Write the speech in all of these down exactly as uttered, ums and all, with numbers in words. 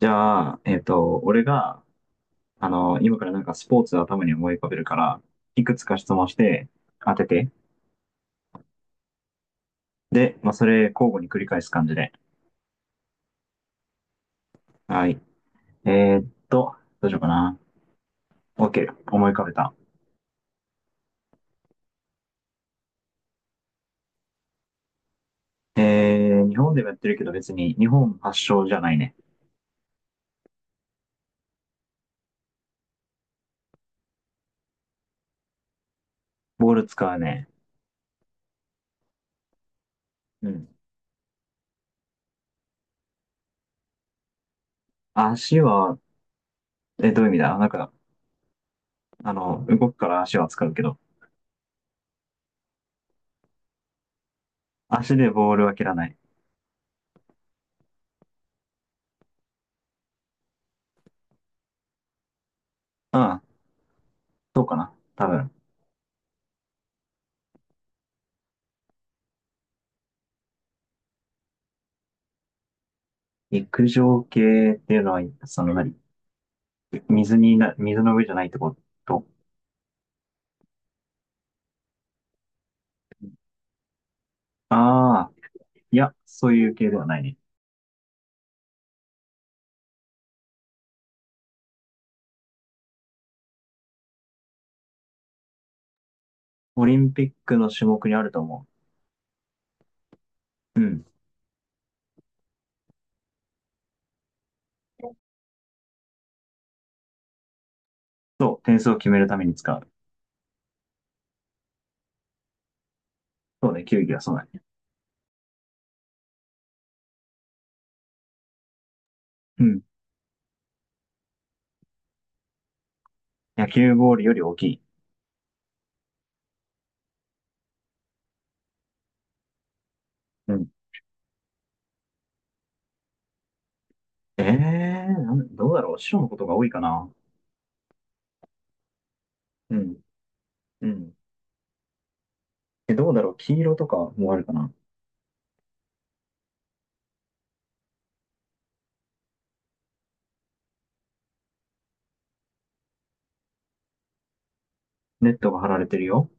じゃあ、えっと、俺が、あの、今からなんかスポーツを頭に思い浮かべるから、いくつか質問して当てて。で、まあ、それ交互に繰り返す感じで。はい。えーっと、どうしようかな。OK、思い浮かべた。えー、日本でもやってるけど別に日本発祥じゃないね。ボール使うね。うん。足は、え、どういう意味だ？なんか、あの、動くから足は使うけど、足でボールは蹴らない。うん、そうかな。多分。陸上系っていうのは、その何、水にな、水の上じゃないってこと？ああー、いや、そういう系ではないね。オリンピックの種目にあると思う。うん。そう、点数を決めるために使う。そうね、球技はそうだね。うん。野球ボールより大きい。うん。ええー、なんどうだろう、白のことが多いかな。うん。うん。え、どうだろう、黄色とかもあるかな？ネットが張られてるよ。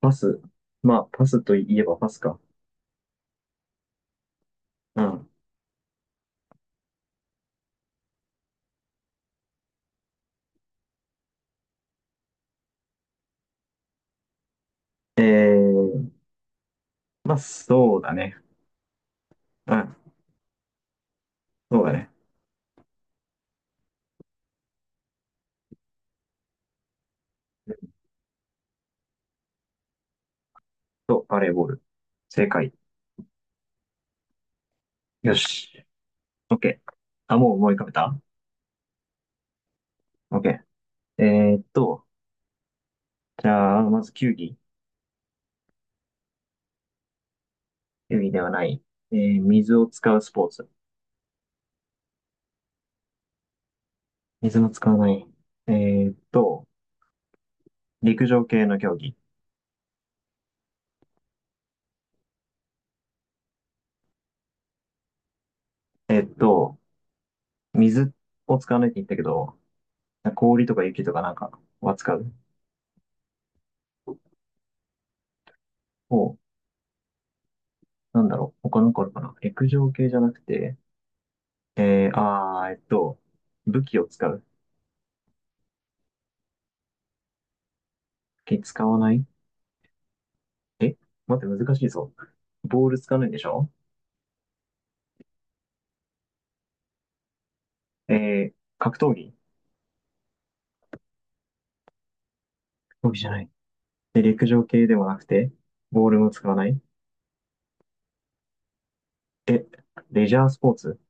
パス。まあ、パスといえばパスか。うん。えー、まあ、そうだね。うん。そうだね。そう、バレーボール。正解。よし。OK。あ、もう思い浮かべた？ OK。えーっと、じゃあ、まず球技。球技ではない。えー水を使うスポーツ。水も使わない。えーっと、陸上系の競技。えーっと、水を使わないって言ったけど、氷とか雪とかなんかは使う。お、なんだろう。他のかあるかな。陸上系じゃなくて、えー、あー、えーっと、武器を使う。武器使わない？え待って、難しいぞ。ボール使わないでしょ？えー、格闘技。競技じゃない。で、陸上系でもなくて、ボールも使わない。で、レジャースポーツ？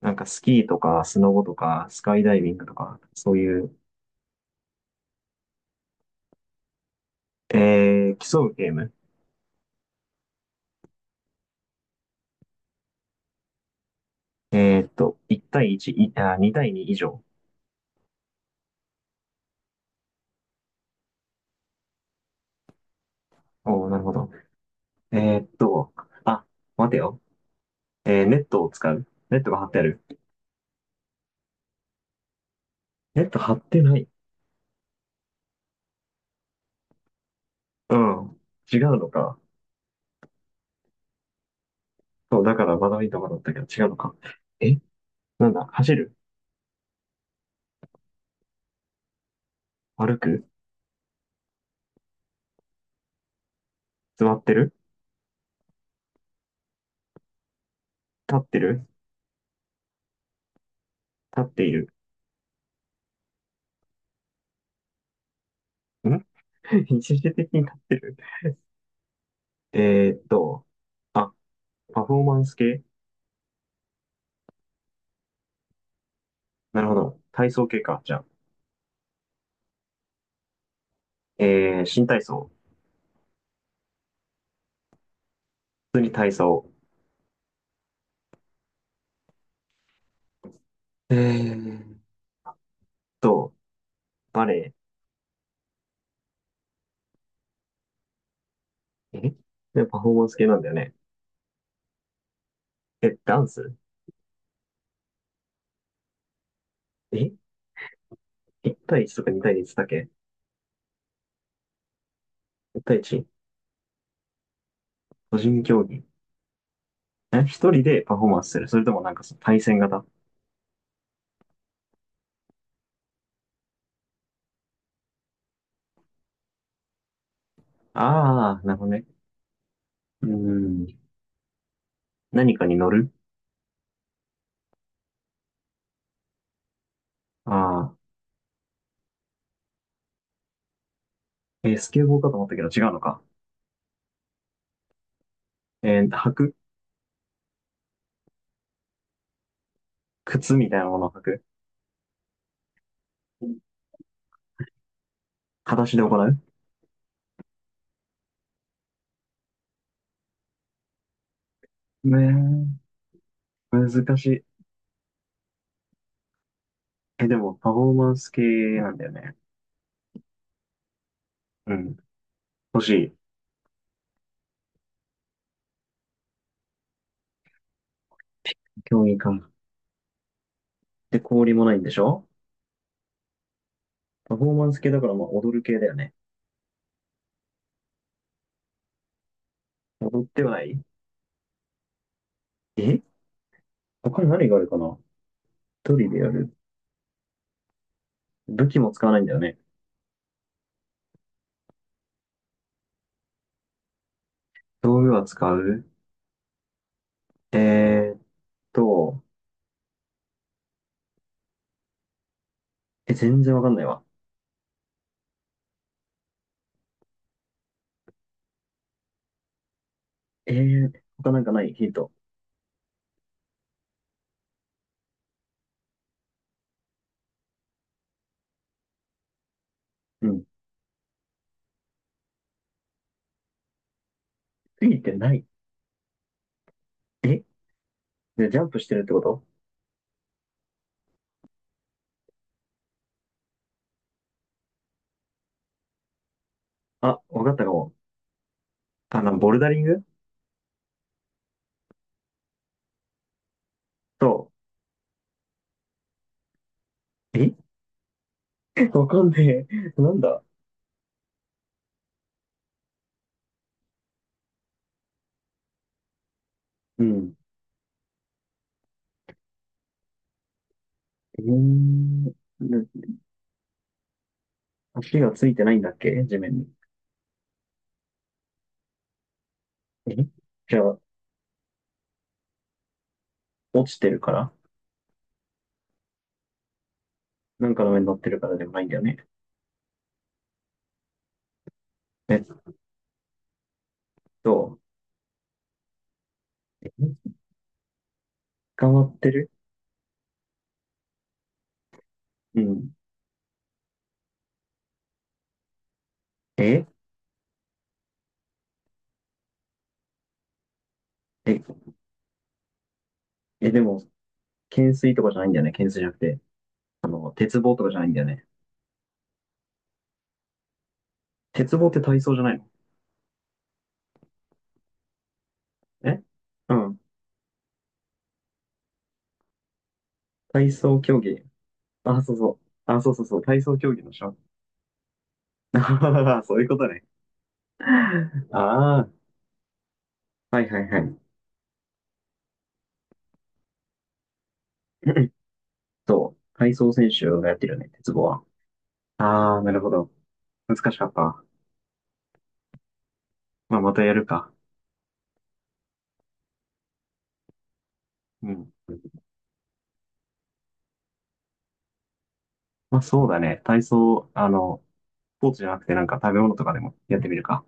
なんかスキーとか、スノボとか、スカイダイビングとか、そういう、えー、競うゲーム。えーっと、いち対いち、いあ、に対に以上。おー、なるほど。えーっと、あ、待てよ。えー、ネットを使う。ネットが張ってある。ネット張ってない。うん。違うのか。そう、だからバドミントンだったけど違うのか。えなんだ、走る？歩く？座ってる？立ってる？立っている？ん 一時的になってる。えーっと、あ、パフォーマンス系？なるほど。体操系か。じゃあ、えー、新体操。普通に体操。えーっと、バレエ。えで、パフォーマンス系なんだよね。え、ダンス？え？ いち 対いちとかに対いちだっけ？ いち 対 いち？ 個人競技。え、一人でパフォーマンスする？それともなんか、その対戦型？ああー、なるほどね。うーん。何かに乗る？ああー。えースケボーかと思ったけど違うのか。えー履く？靴みたいなものを履く形で行う？ねえ、難しい。え、でも、パフォーマンス系なんだよね。うん。欲しい。競技か。で、氷もないんでしょ？パフォーマンス系だから、まあ、踊る系だよね。踊ってはない？え他に何があるかな？一人でやる。武器も使わないんだよね。道具は使う？えーっと、え、全然わかんないわ。えー、他なんかないヒント。うん。ついてない。えで、ジャンプしてるってこと？あ、わかったかも。あの、ボルダリングと、え わかんねえ。なんだ？うん。えー、な足がついてないんだっけ地面に。えじゃあ、落ちてるから？なんかの上に乗ってるからでもないんだよね。えっと、え捕まってる？うん。ええ、え、でも、懸垂とかじゃないんだよね。懸垂じゃなくて。あの、鉄棒とかじゃないんだよね。鉄棒って体操じゃないの？えうん。体操競技。あ、そうそう。あ、そうそうそう。体操競技のしょ あははは そういうことね。ああ、はいはいはい。そう。体操選手がやってるよね、鉄棒は。ああ、なるほど。難しかった。まあ、またやるか。うん。まあ、そうだね。体操、あの、スポーツじゃなくてなんか食べ物とかでもやってみるか。